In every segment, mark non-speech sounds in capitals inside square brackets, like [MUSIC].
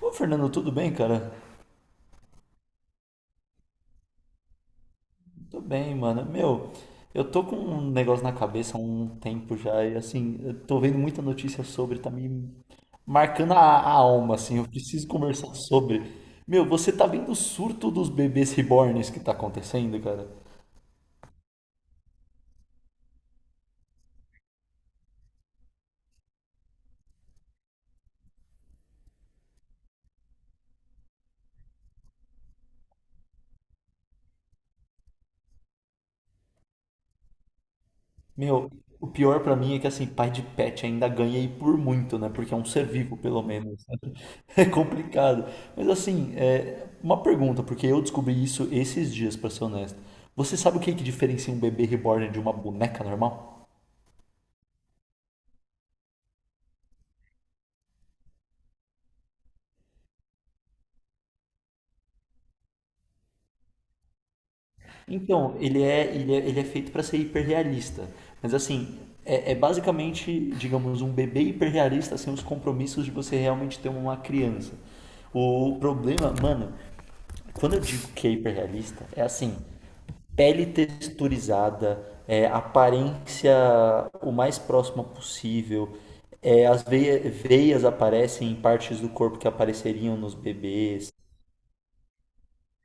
Ô, Fernando, tudo bem, cara? Tudo bem, mano. Meu, eu tô com um negócio na cabeça há um tempo já e assim, eu tô vendo muita notícia sobre, tá me marcando a alma, assim, eu preciso conversar sobre. Meu, você tá vendo o surto dos bebês reborns que tá acontecendo, cara? Meu, o pior pra mim é que assim, pai de pet ainda ganha e por muito, né? Porque é um ser vivo, pelo menos. [LAUGHS] É complicado. Mas assim, uma pergunta, porque eu descobri isso esses dias, pra ser honesto. Você sabe o que é que diferencia um bebê reborn de uma boneca normal? Então, ele é feito para ser hiperrealista. Mas assim, é, é basicamente, digamos, um bebê hiperrealista sem os compromissos de você realmente ter uma criança. O problema, mano, quando eu digo que é hiperrealista, é assim, pele texturizada, aparência o mais próxima possível, é, as veias aparecem em partes do corpo que apareceriam nos bebês.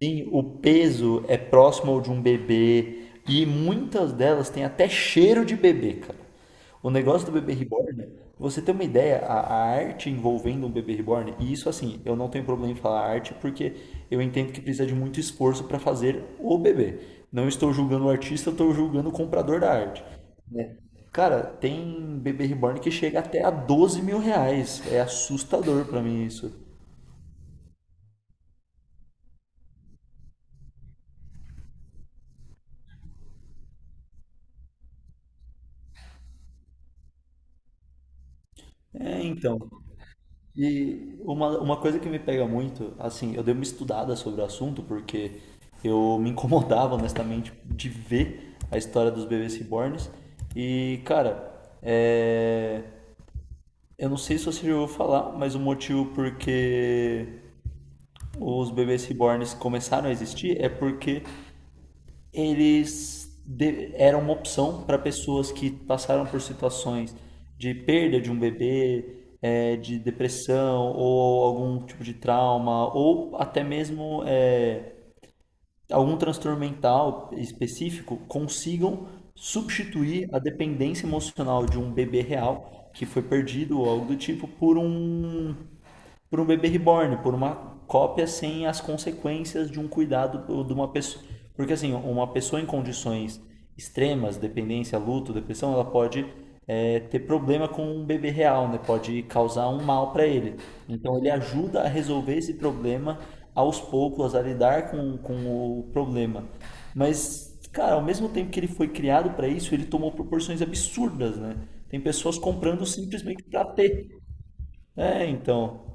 Sim, o peso é próximo ao de um bebê e muitas delas têm até cheiro de bebê, cara. O negócio do bebê reborn, você tem uma ideia, a arte envolvendo um bebê reborn, e isso assim, eu não tenho problema em falar arte porque eu entendo que precisa de muito esforço para fazer o bebê. Não estou julgando o artista, eu estou julgando o comprador da arte, né? Cara, tem bebê reborn que chega até a R$ 12.000. É assustador pra mim isso. É, então. E uma coisa que me pega muito, assim, eu dei uma estudada sobre o assunto porque eu me incomodava, honestamente, de ver a história dos bebês reborns. E, cara, é... eu não sei se você já ouviu falar, mas o motivo porque os bebês reborns começaram a existir é porque eram uma opção para pessoas que passaram por situações de perda de um bebê, é, de depressão ou algum tipo de trauma ou até mesmo, algum transtorno mental específico consigam substituir a dependência emocional de um bebê real que foi perdido ou algo do tipo por um bebê reborn, por uma cópia sem as consequências de um cuidado de uma pessoa. Porque assim, uma pessoa em condições extremas, dependência, luto, depressão, ela pode, ter problema com um bebê real, né? Pode causar um mal para ele. Então ele ajuda a resolver esse problema aos poucos, a lidar com o problema. Mas, cara, ao mesmo tempo que ele foi criado para isso, ele tomou proporções absurdas, né? Tem pessoas comprando simplesmente para ter. É, então.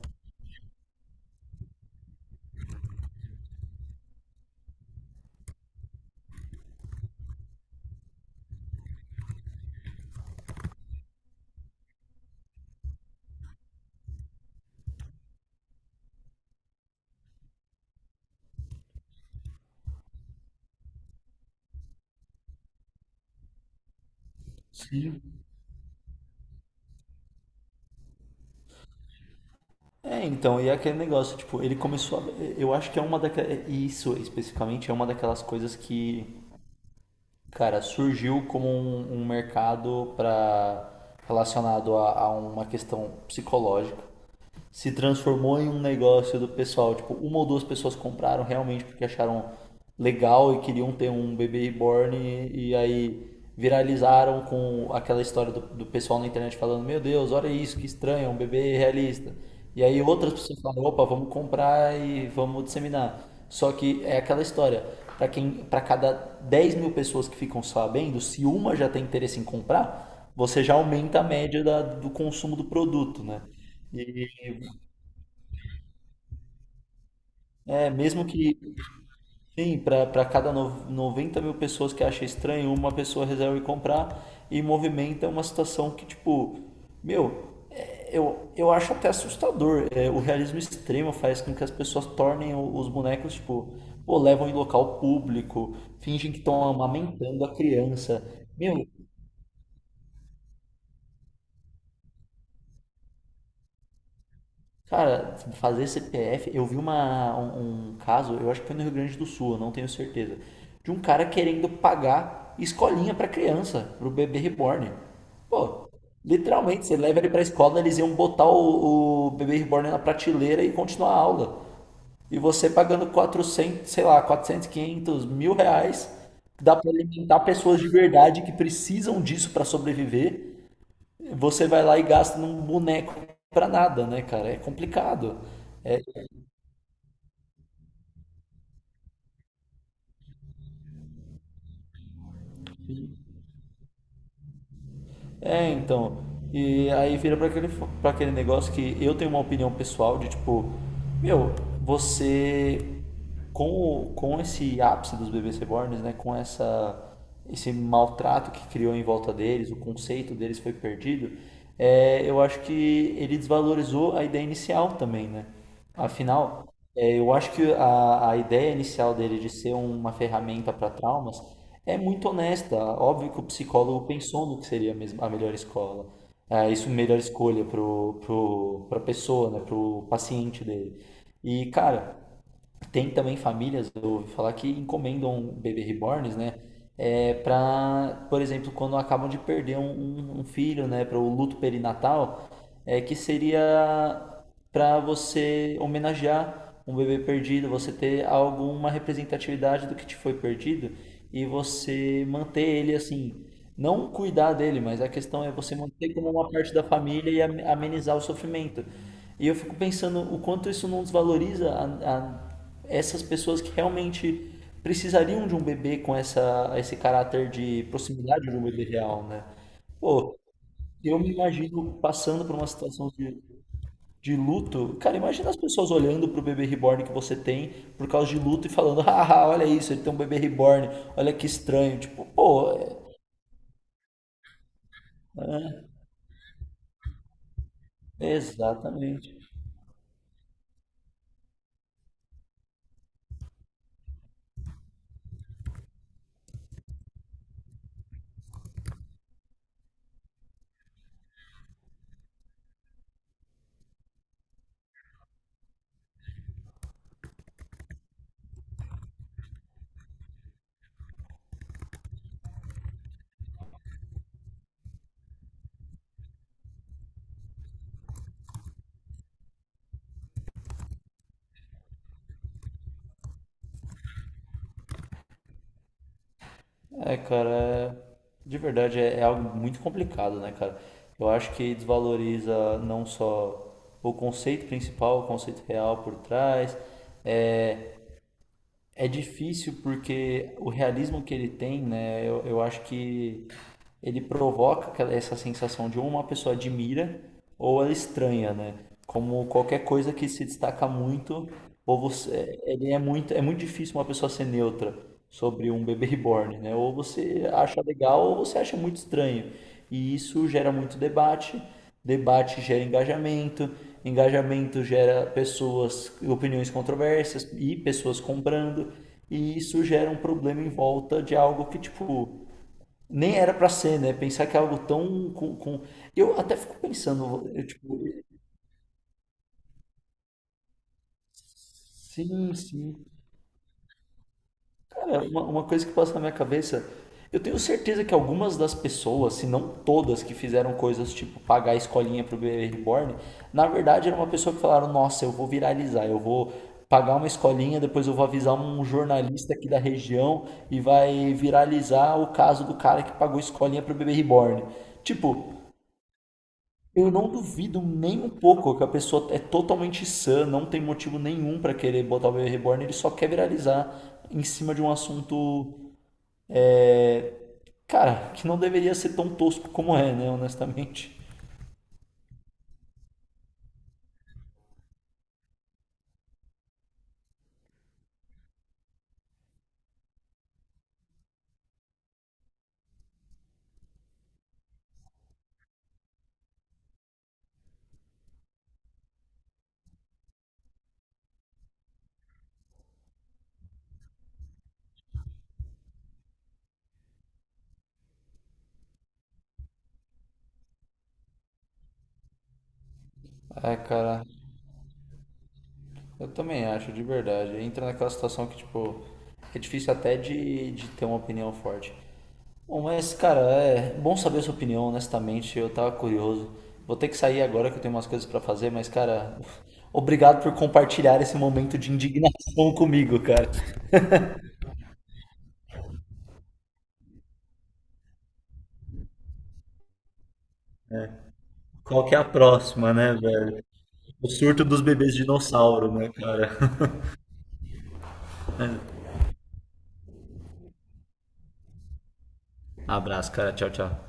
Sim. É, então, e é aquele negócio, tipo, ele começou a... Eu acho que é uma daquelas. Isso especificamente é uma daquelas coisas que, cara, surgiu como um mercado para relacionado a uma questão psicológica, se transformou em um negócio do pessoal. Tipo, uma ou duas pessoas compraram realmente porque acharam legal e queriam ter um bebê reborn e aí viralizaram com aquela história do pessoal na internet falando: meu Deus, olha isso, que estranho, é um bebê realista. E aí outras pessoas falam: opa, vamos comprar e vamos disseminar. Só que é aquela história, para quem, para cada 10 mil pessoas que ficam sabendo, se uma já tem interesse em comprar, você já aumenta a média do consumo do produto, né? E é, mesmo que, sim, para cada 90 mil pessoas que acha estranho, uma pessoa resolve comprar e movimenta uma situação que, tipo, meu, é, eu acho até assustador. É, o realismo extremo faz com que as pessoas tornem os bonecos, tipo, pô, levam em local público, fingem que estão amamentando a criança. Meu, cara, fazer CPF, eu vi um caso, eu acho que foi no Rio Grande do Sul, eu não tenho certeza, de um cara querendo pagar escolinha pra criança, pro bebê reborn. Pô, literalmente, você leva ele pra escola, eles iam botar o bebê reborn na prateleira e continuar a aula. E você pagando quatrocentos, sei lá, 400, 500 mil reais, que dá pra alimentar pessoas de verdade que precisam disso pra sobreviver, você vai lá e gasta num boneco pra nada, né, cara? É complicado. É, então. E aí vira pra aquele, pra aquele negócio que eu tenho uma opinião pessoal de tipo, meu, você com esse ápice dos bebês reborns, né, com essa, esse maltrato que criou em volta deles, o conceito deles foi perdido, é, eu acho que ele desvalorizou a ideia inicial também, né? Afinal, é, eu acho que a ideia inicial dele de ser uma ferramenta para traumas é muito honesta. Óbvio que o psicólogo pensou no que seria mesmo a melhor escola, é, isso melhor escolha pra pessoa, né, pro paciente dele. E, cara, tem também famílias, eu ouvi falar que encomendam bebê reborns, né? É, para, por exemplo, quando acabam de perder um filho, né? Para o luto perinatal, é que seria para você homenagear um bebê perdido, você ter alguma representatividade do que te foi perdido e você manter ele assim. Não cuidar dele, mas a questão é você manter como uma parte da família e amenizar o sofrimento. E eu fico pensando o quanto isso não desvaloriza essas pessoas que realmente precisariam de um bebê com essa, esse caráter de proximidade de um bebê real, né? Pô, eu me imagino passando por uma situação de luto. Cara, imagina as pessoas olhando pro bebê reborn que você tem por causa de luto e falando: [LAUGHS] haha, olha isso, ele tem um bebê reborn, olha que estranho. Tipo, pô, é, é, exatamente. É, cara, de verdade é, é algo muito complicado, né, cara? Eu acho que desvaloriza não só o conceito principal, o conceito real por trás. É difícil porque o realismo que ele tem, né, eu acho que ele provoca essa sensação de ou uma pessoa admira ou ela estranha, né? Como qualquer coisa que se destaca muito, ou você, ele é muito difícil uma pessoa ser neutra sobre um bebê reborn, né? Ou você acha legal ou você acha muito estranho. E isso gera muito debate, debate gera engajamento, engajamento gera pessoas, opiniões controversas e pessoas comprando, e isso gera um problema em volta de algo que, tipo, nem era pra ser, né? Pensar que é algo tão com... Eu até fico pensando, eu, tipo, sim, sim. Cara, uma coisa que passa na minha cabeça, eu tenho certeza que algumas das pessoas, se não todas, que fizeram coisas tipo pagar a escolinha pro bebê reborn, na verdade era uma pessoa que falaram: nossa, eu vou viralizar, eu vou pagar uma escolinha, depois eu vou avisar um jornalista aqui da região e vai viralizar o caso do cara que pagou escolinha pro bebê reborn. Tipo, eu não duvido nem um pouco que a pessoa é totalmente sã, não tem motivo nenhum pra querer botar o bebê reborn, ele só quer viralizar em cima de um assunto, cara, que não deveria ser tão tosco como é, né, honestamente. É, cara, eu também acho, de verdade. Entra naquela situação que, tipo, é difícil até de ter uma opinião forte. Bom, mas cara, é bom saber a sua opinião, honestamente. Eu tava curioso. Vou ter que sair agora que eu tenho umas coisas pra fazer, mas cara, [LAUGHS] obrigado por compartilhar esse momento de indignação [LAUGHS] comigo, cara. Qual que é a próxima, né, velho? O surto dos bebês dinossauro, né, cara? [LAUGHS] Abraço, cara. Tchau, tchau.